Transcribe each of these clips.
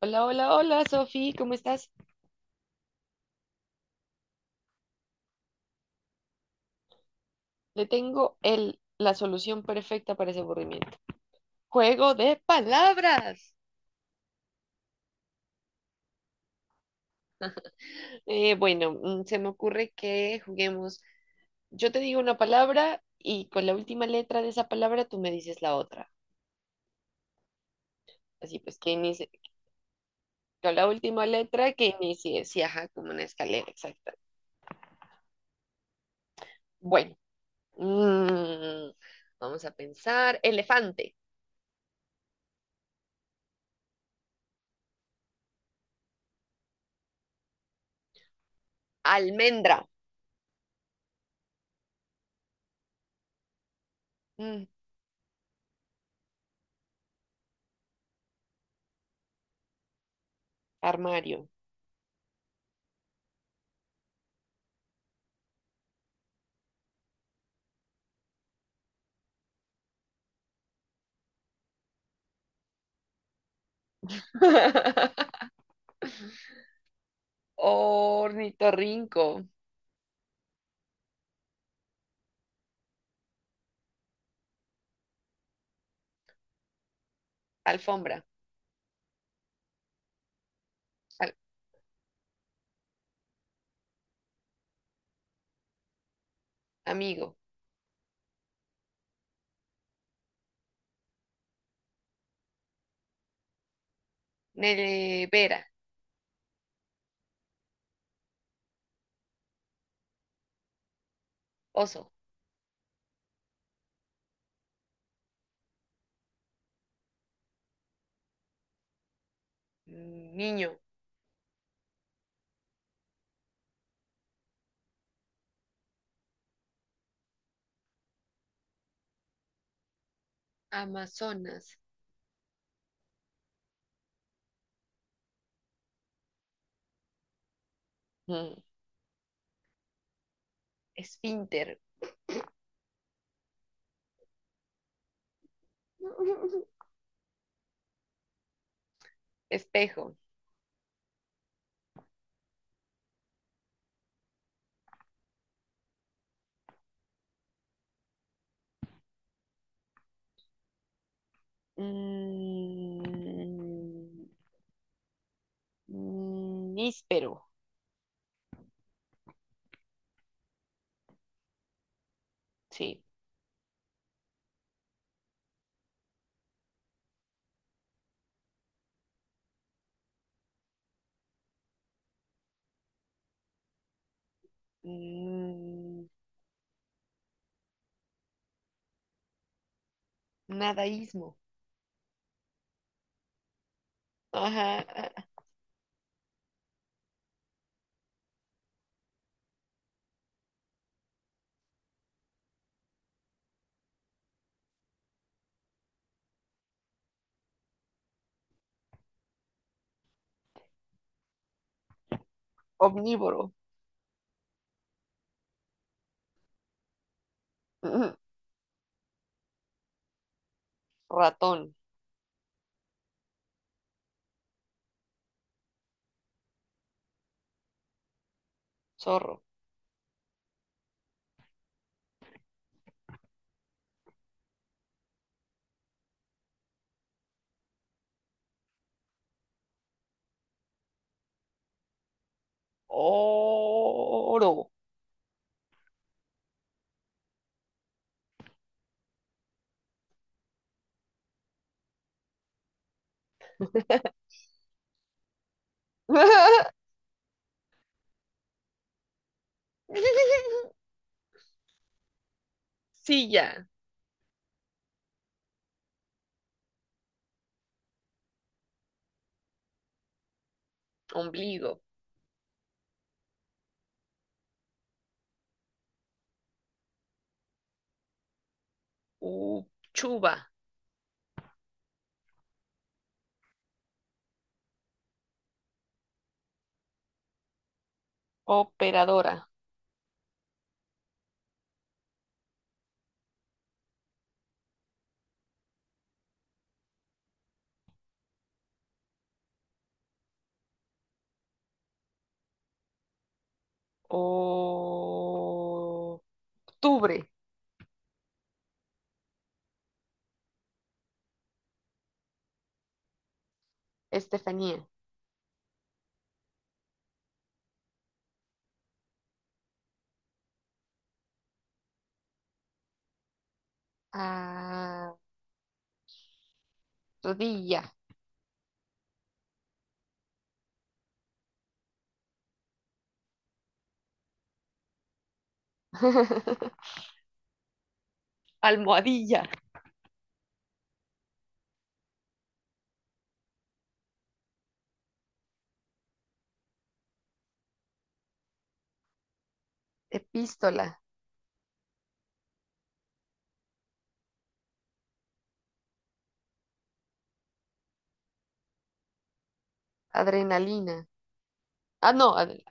Hola, hola, hola, Sofi, ¿cómo estás? Le tengo el, la solución perfecta para ese aburrimiento. Juego de palabras. Bueno, Se me ocurre que juguemos. Yo te digo una palabra y con la última letra de esa palabra tú me dices la otra. Así pues, que inicie, con la última letra que inicie, sí, ajá, como una escalera, exacta. Bueno, mm, vamos a pensar. Elefante, almendra, mm, armario. Ornitorrinco, alfombra, al- amigo, nevera, oso, niño, amazonas, mm, esfínter, espejo, mm, níspero, sí, mm, nadaísmo, ajá, ah, omnívoro, ujú, ratón, zorro, oro. Silla, ombligo, U, Chuba, operadora, o- octubre, Estefanía, ah, rodilla, almohadilla, epístola, adrenalina, ah, no,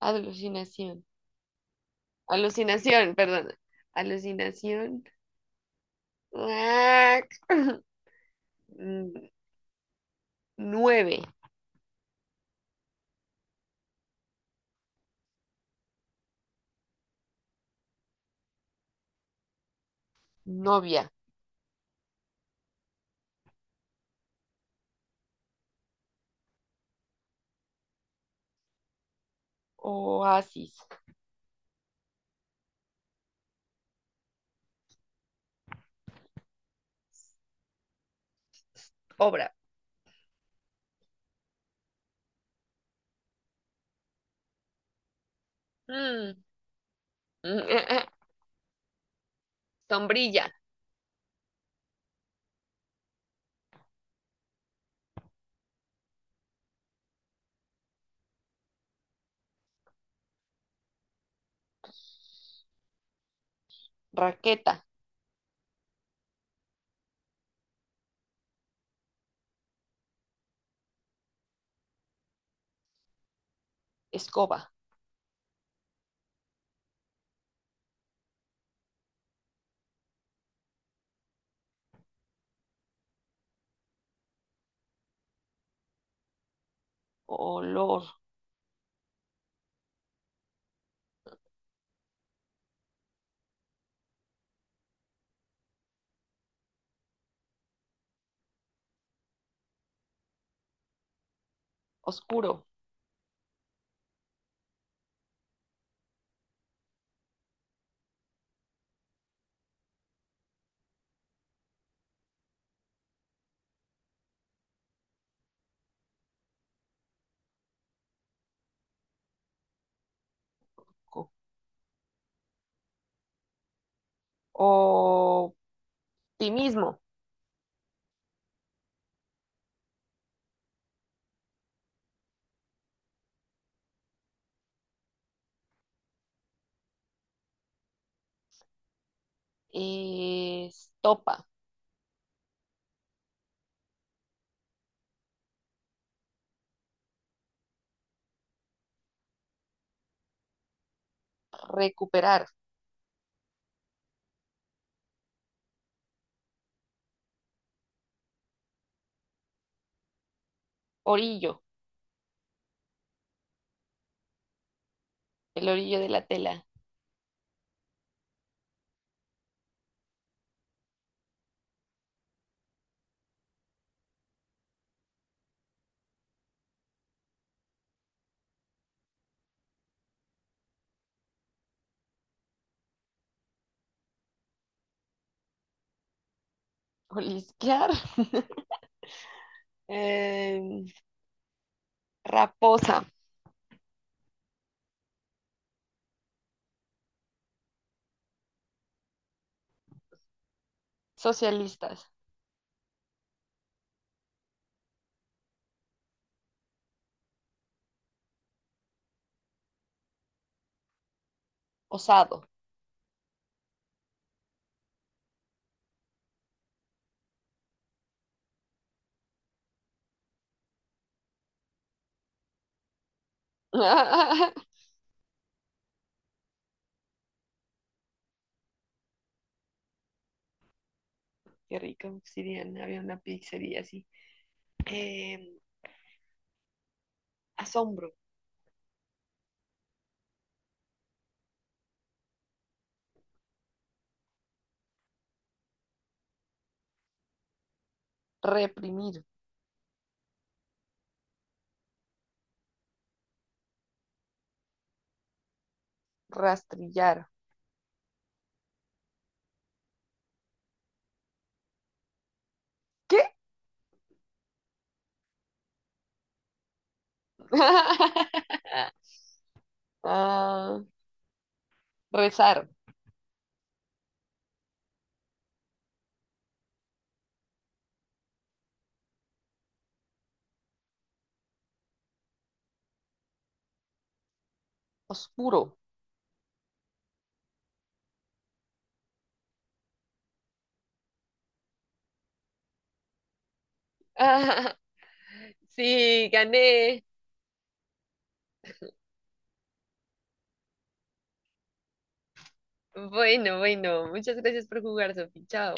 alucinación, alucinación, perdón, alucinación, guac. Mm, nueve, novia, oasis, obra, mm. Sombrilla, raqueta, escoba. Olor, oscuro, co- optimismo, estopa, recuperar, orillo, el orillo de la tela, olisquear, em, raposa, socialistas, osado. Qué rico, obsidiana, había una pizzería así. Em, asombro, reprimir, rastrillar. ¿Qué? Ah, rezar, oscuro, ah, sí, gané. Bueno, bueno, muchas gracias por jugar, Sofi. Chao.